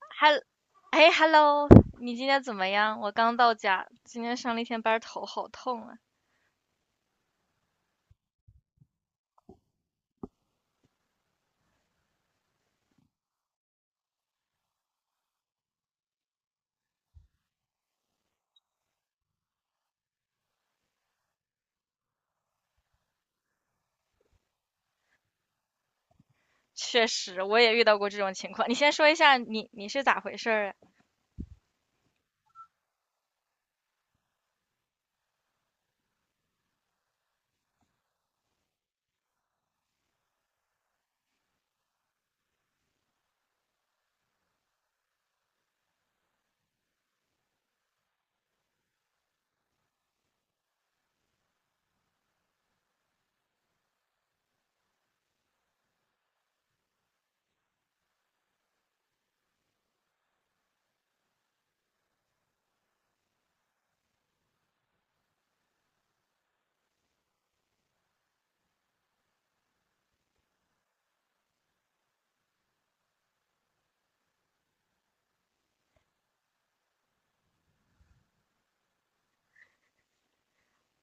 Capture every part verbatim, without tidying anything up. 哈，哎，hello，你今天怎么样？我刚到家，今天上了一天班儿，头好痛啊。确实，我也遇到过这种情况。你先说一下你你是咋回事儿啊？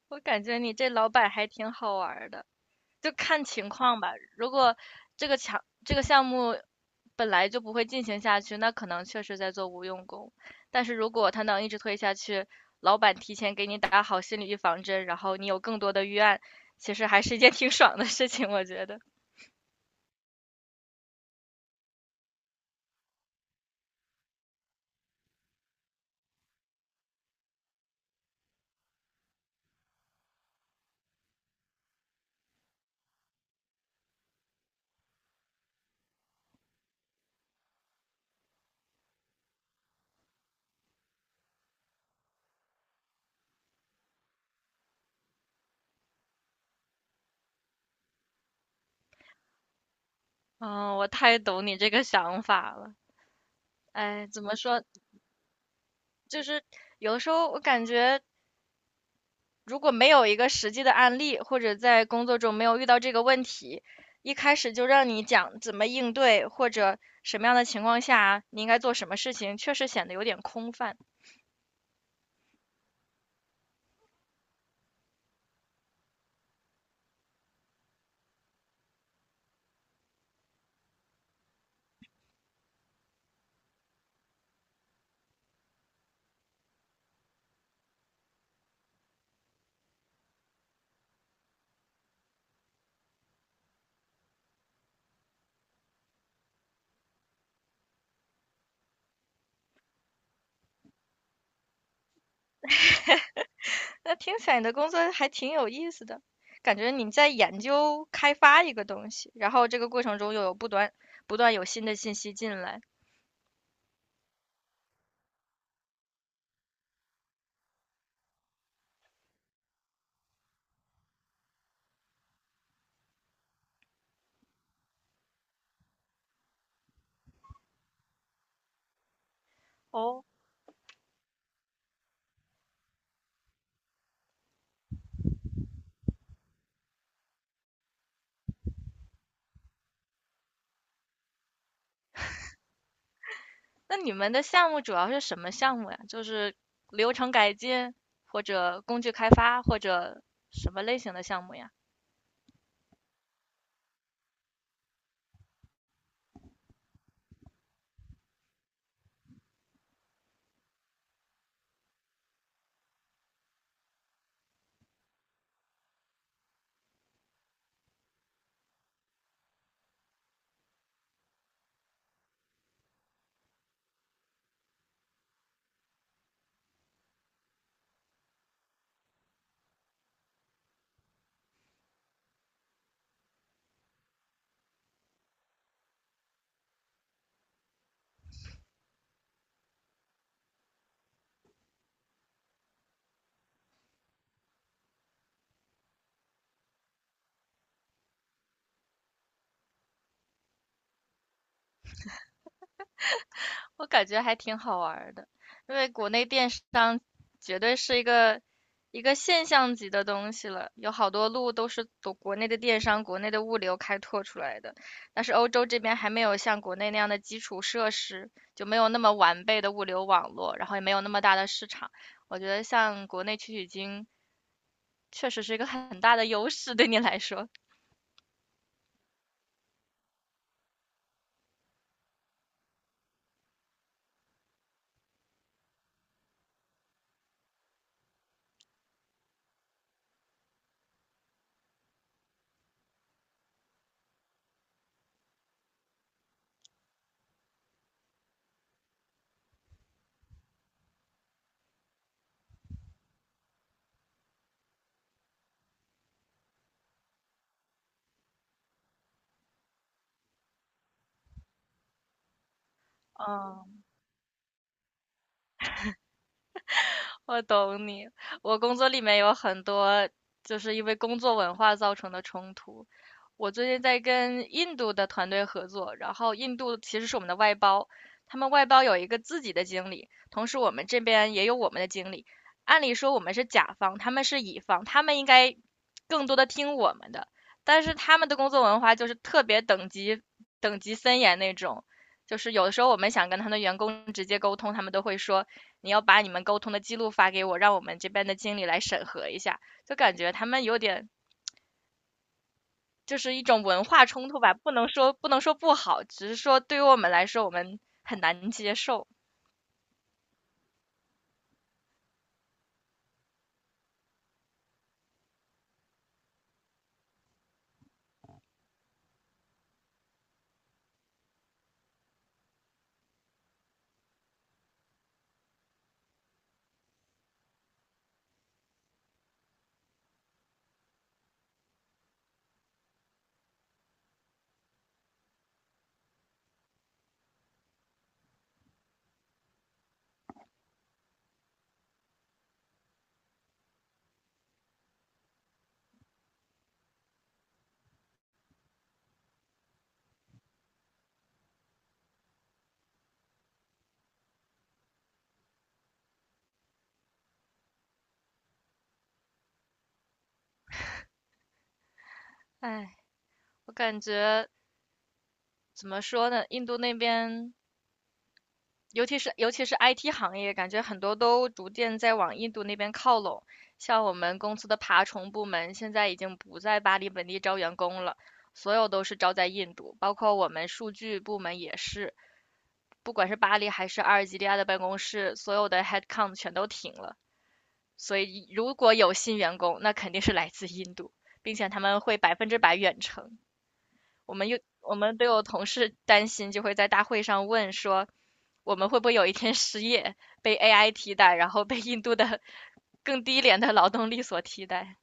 我感觉你这老板还挺好玩儿的，就看情况吧。如果这个强这个项目本来就不会进行下去，那可能确实在做无用功。但是如果他能一直推下去，老板提前给你打好心理预防针，然后你有更多的预案，其实还是一件挺爽的事情，我觉得。嗯，我太懂你这个想法了。哎，怎么说？就是有的时候我感觉，如果没有一个实际的案例，或者在工作中没有遇到这个问题，一开始就让你讲怎么应对，或者什么样的情况下你应该做什么事情，确实显得有点空泛。那听起来你的工作还挺有意思的，感觉你在研究开发一个东西，然后这个过程中又有不断不断有新的信息进来。哦，那你们的项目主要是什么项目呀？就是流程改进，或者工具开发，或者什么类型的项目呀？我感觉还挺好玩儿的，因为国内电商绝对是一个一个现象级的东西了，有好多路都是国国内的电商、国内的物流开拓出来的，但是欧洲这边还没有像国内那样的基础设施，就没有那么完备的物流网络，然后也没有那么大的市场。我觉得像国内取取经确实是一个很大的优势，对你来说。嗯，我懂你，我工作里面有很多就是因为工作文化造成的冲突，我最近在跟印度的团队合作，然后印度其实是我们的外包，他们外包有一个自己的经理，同时我们这边也有我们的经理。按理说我们是甲方，他们是乙方，他们应该更多的听我们的，但是他们的工作文化就是特别等级等级森严那种，就是有的时候我们想跟他们的员工直接沟通，他们都会说你要把你们沟通的记录发给我，让我们这边的经理来审核一下，就感觉他们有点。就是一种文化冲突吧，不能说不能说不好，只是说对于我们来说，我们很难接受。唉，我感觉怎么说呢，印度那边，尤其是尤其是 I T 行业，感觉很多都逐渐在往印度那边靠拢。像我们公司的爬虫部门，现在已经不在巴黎本地招员工了，所有都是招在印度，包括我们数据部门也是，不管是巴黎还是阿尔及利亚的办公室，所有的 headcount 全都停了。所以如果有新员工，那肯定是来自印度，并且他们会百分之百远程。我们又我们都有同事担心，就会在大会上问说，我们会不会有一天失业，被 A I 替代，然后被印度的 更低廉的劳动力所替代？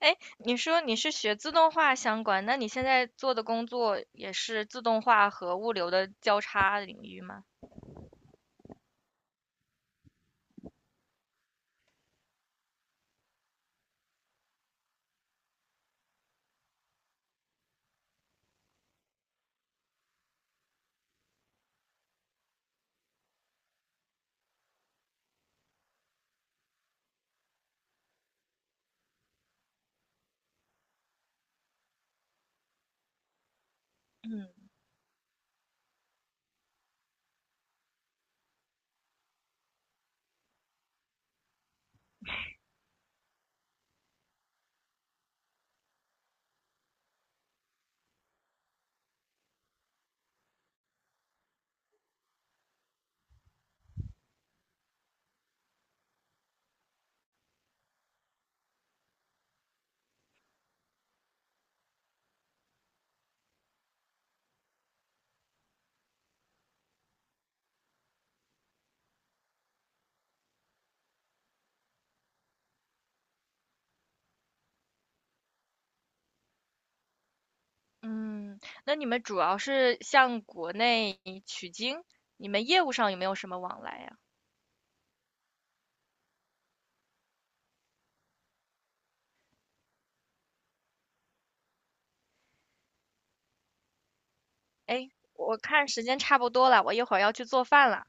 哎，你说你是学自动化相关，那你现在做的工作也是自动化和物流的交叉领域吗？嗯，嗯，那你们主要是向国内取经，你们业务上有没有什么往来呀？哎，我看时间差不多了，我一会儿要去做饭了。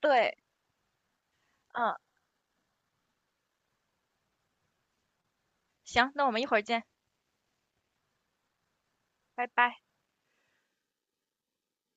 对，嗯，行，那我们一会儿见，拜拜。